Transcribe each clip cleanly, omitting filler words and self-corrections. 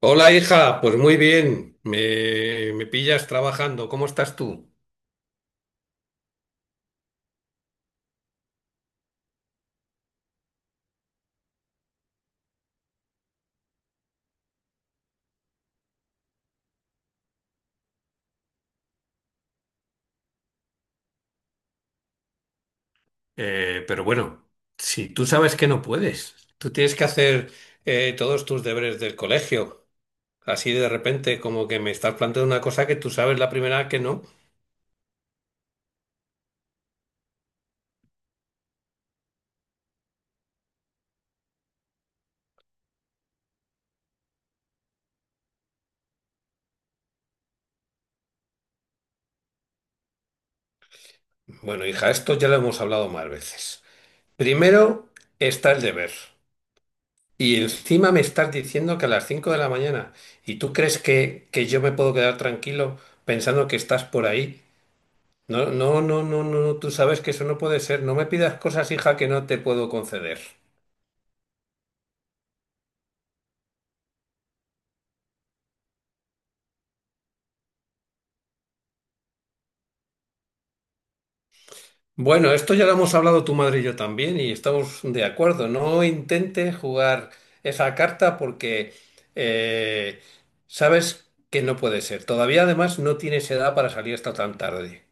Hola hija, pues muy bien, me pillas trabajando, ¿cómo estás tú? Pero bueno, si tú sabes que no puedes, tú tienes que hacer todos tus deberes del colegio, así de repente como que me estás planteando una cosa que tú sabes la primera vez que no. Bueno hija, esto ya lo hemos hablado más veces. Primero está el deber y encima me estás diciendo que a las 5 de la mañana y tú crees que, yo me puedo quedar tranquilo pensando que estás por ahí. No, no, no, no, no, no, tú sabes que eso no puede ser. No me pidas cosas, hija, que no te puedo conceder. Bueno, esto ya lo hemos hablado tu madre y yo también y estamos de acuerdo. No intentes jugar esa carta porque eh, sabes que no puede ser. Todavía además no tienes edad para salir hasta tan tarde.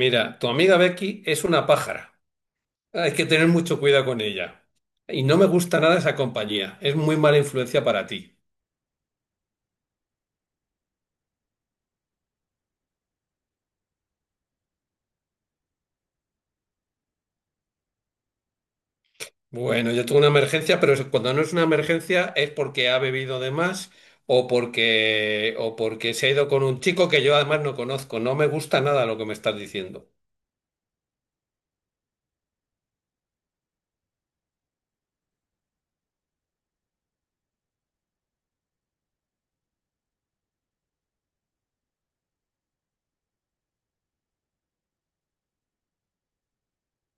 Mira, tu amiga Becky es una pájara. Hay que tener mucho cuidado con ella. Y no me gusta nada esa compañía. Es muy mala influencia para ti. Bueno, yo tengo una emergencia, pero eso- cuando no es una emergencia es porque ha bebido de más o porque se ha ido con un chico que yo además no conozco. No me gusta nada lo que me estás diciendo.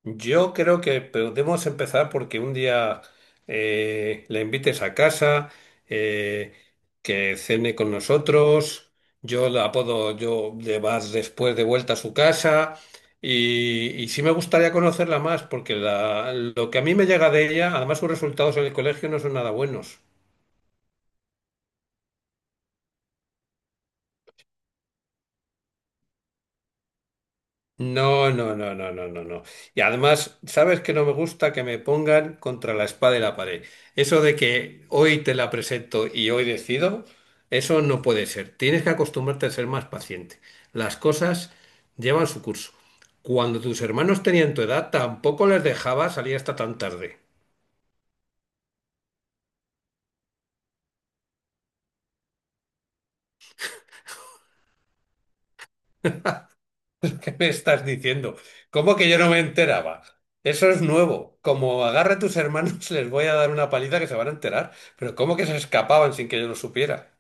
Yo creo que podemos empezar porque un día la invites a casa, eh, que cene con nosotros, yo la puedo, yo le vas después de vuelta a su casa y sí me gustaría conocerla más porque lo que a mí me llega de ella, además sus resultados en el colegio no son nada buenos. No, no, no, no, no, no, no. Y además, ¿sabes que no me gusta que me pongan contra la espada y la pared? Eso de que hoy te la presento y hoy decido, eso no puede ser. Tienes que acostumbrarte a ser más paciente. Las cosas llevan su curso. Cuando tus hermanos tenían tu edad, tampoco les dejaba salir hasta tan tarde. ¿Qué me estás diciendo? ¿Cómo que yo no me enteraba? Eso es nuevo. Como agarre a tus hermanos, les voy a dar una paliza que se van a enterar. Pero ¿cómo que se escapaban sin que yo lo supiera?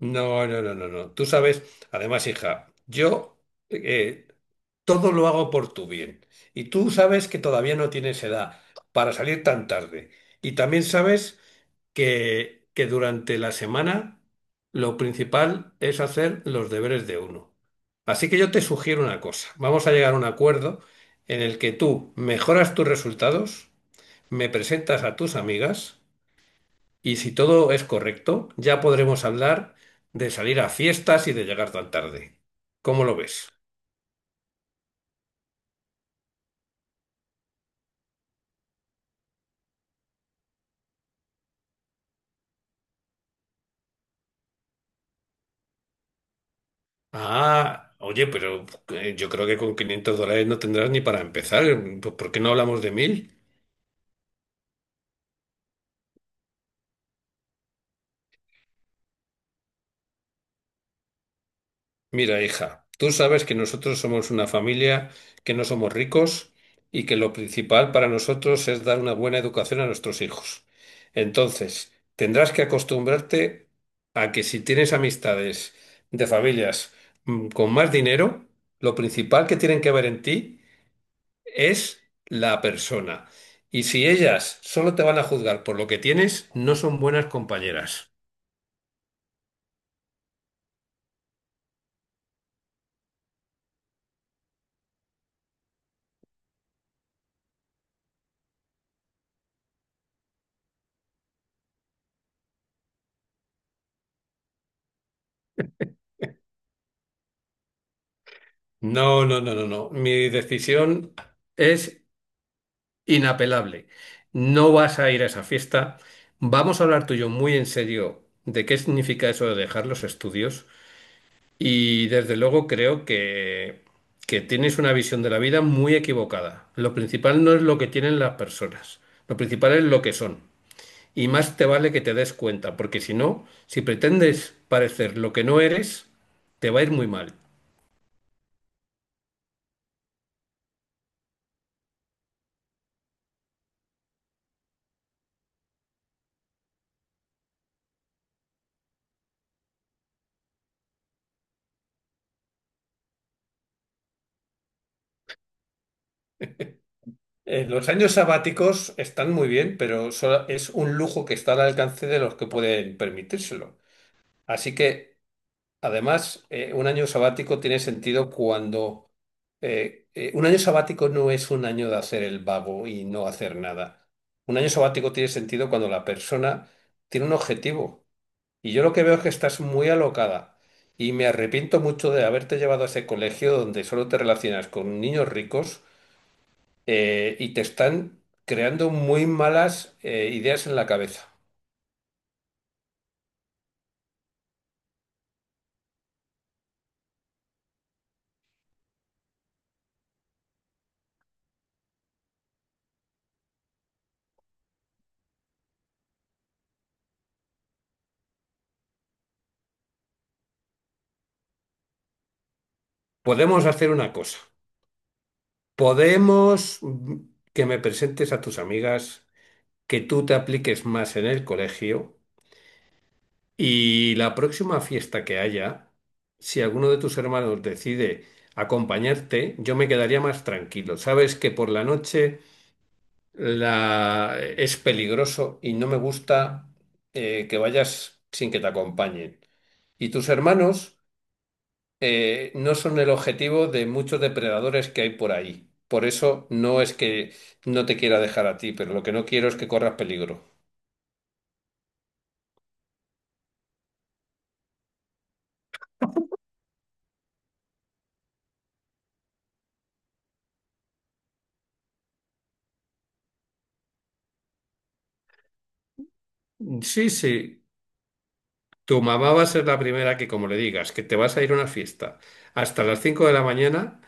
No, no, no, no, no. Tú sabes, además, hija, yo eh, todo lo hago por tu bien. Y tú sabes que todavía no tienes edad para salir tan tarde. Y también sabes que, durante la semana lo principal es hacer los deberes de uno. Así que yo te sugiero una cosa. Vamos a llegar a un acuerdo en el que tú mejoras tus resultados, me presentas a tus amigas. Y si todo es correcto, ya podremos hablar de salir a fiestas y de llegar tan tarde. ¿Cómo lo ves? Ah, oye, pero yo creo que con $500 no tendrás ni para empezar. Por qué no hablamos de 1000? Mira, hija, tú sabes que nosotros somos una familia, que no somos ricos y que lo principal para nosotros es dar una buena educación a nuestros hijos. Entonces, tendrás que acostumbrarte a que si tienes amistades de familias con más dinero, lo principal que tienen que ver en ti es la persona. Y si ellas solo te van a juzgar por lo que tienes, no son buenas compañeras. No, no, no, no, no. Mi decisión es inapelable. No vas a ir a esa fiesta. Vamos a hablar tú y yo muy en serio de qué significa eso de dejar los estudios. Y desde luego creo que, tienes una visión de la vida muy equivocada. Lo principal no es lo que tienen las personas, lo principal es lo que son. Y más te vale que te des cuenta, porque si no, si pretendes parecer lo que no eres, te va a ir muy mal. Los años sabáticos están muy bien, pero solo- es un lujo que está al alcance de los que pueden permitírselo. Así que, además, un año sabático tiene sentido un año sabático no es un año de hacer el vago y no hacer nada. Un año sabático tiene sentido cuando la persona tiene un objetivo. Y yo lo que veo es que estás muy alocada. Y me arrepiento mucho de haberte llevado a ese colegio donde solo te relacionas con niños ricos y te están creando muy malas ideas en la cabeza. Podemos hacer una cosa. Podemos que me presentes a tus amigas, que tú te apliques más en el colegio y la próxima fiesta que haya, si alguno de tus hermanos decide acompañarte, yo me quedaría más tranquilo. Sabes que por la noche es peligroso y no me gusta que vayas sin que te acompañen. Y tus hermanos... no son el objetivo de muchos depredadores que hay por ahí. Por eso no es que no te quiera dejar a ti, pero lo que no quiero es que corras peligro. Sí, sí. Tu mamá va a ser la primera que, como le digas, que te vas a ir a una fiesta hasta las 5 de la mañana,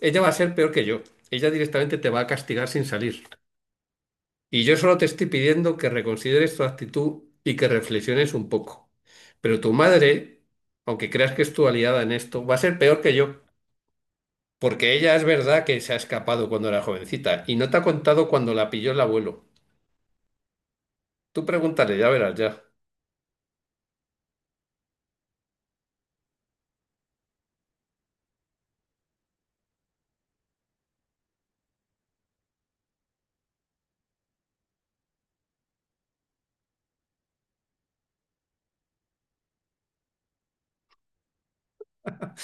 ella va a ser peor que yo. Ella directamente te va a castigar sin salir. Y yo solo te estoy pidiendo que reconsideres tu actitud y que reflexiones un poco. Pero tu madre, aunque creas que es tu aliada en esto, va a ser peor que yo. Porque ella es verdad que se ha escapado cuando era jovencita y no te ha contado cuando la pilló el abuelo. Tú pregúntale, ya verás ya.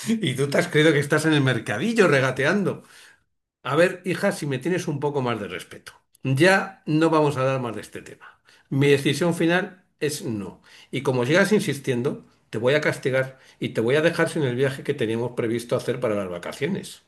Y tú te has creído que estás en el mercadillo regateando. A ver, hija, si me tienes un poco más de respeto. Ya no vamos a hablar más de este tema. Mi decisión final es no. Y como sigas insistiendo, te voy a castigar y te voy a dejar sin el viaje que teníamos previsto hacer para las vacaciones.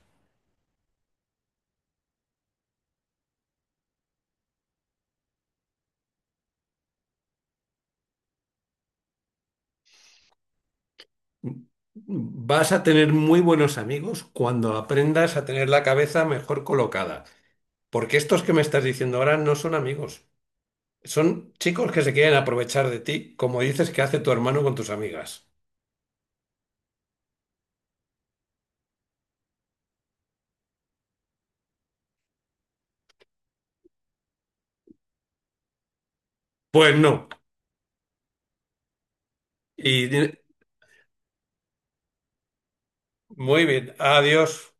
Vas a tener muy buenos amigos cuando aprendas a tener la cabeza mejor colocada. Porque estos que me estás diciendo ahora no son amigos. Son chicos que se quieren aprovechar de ti, como dices que hace tu hermano con tus amigas. Pues no. Y di- Muy bien, adiós.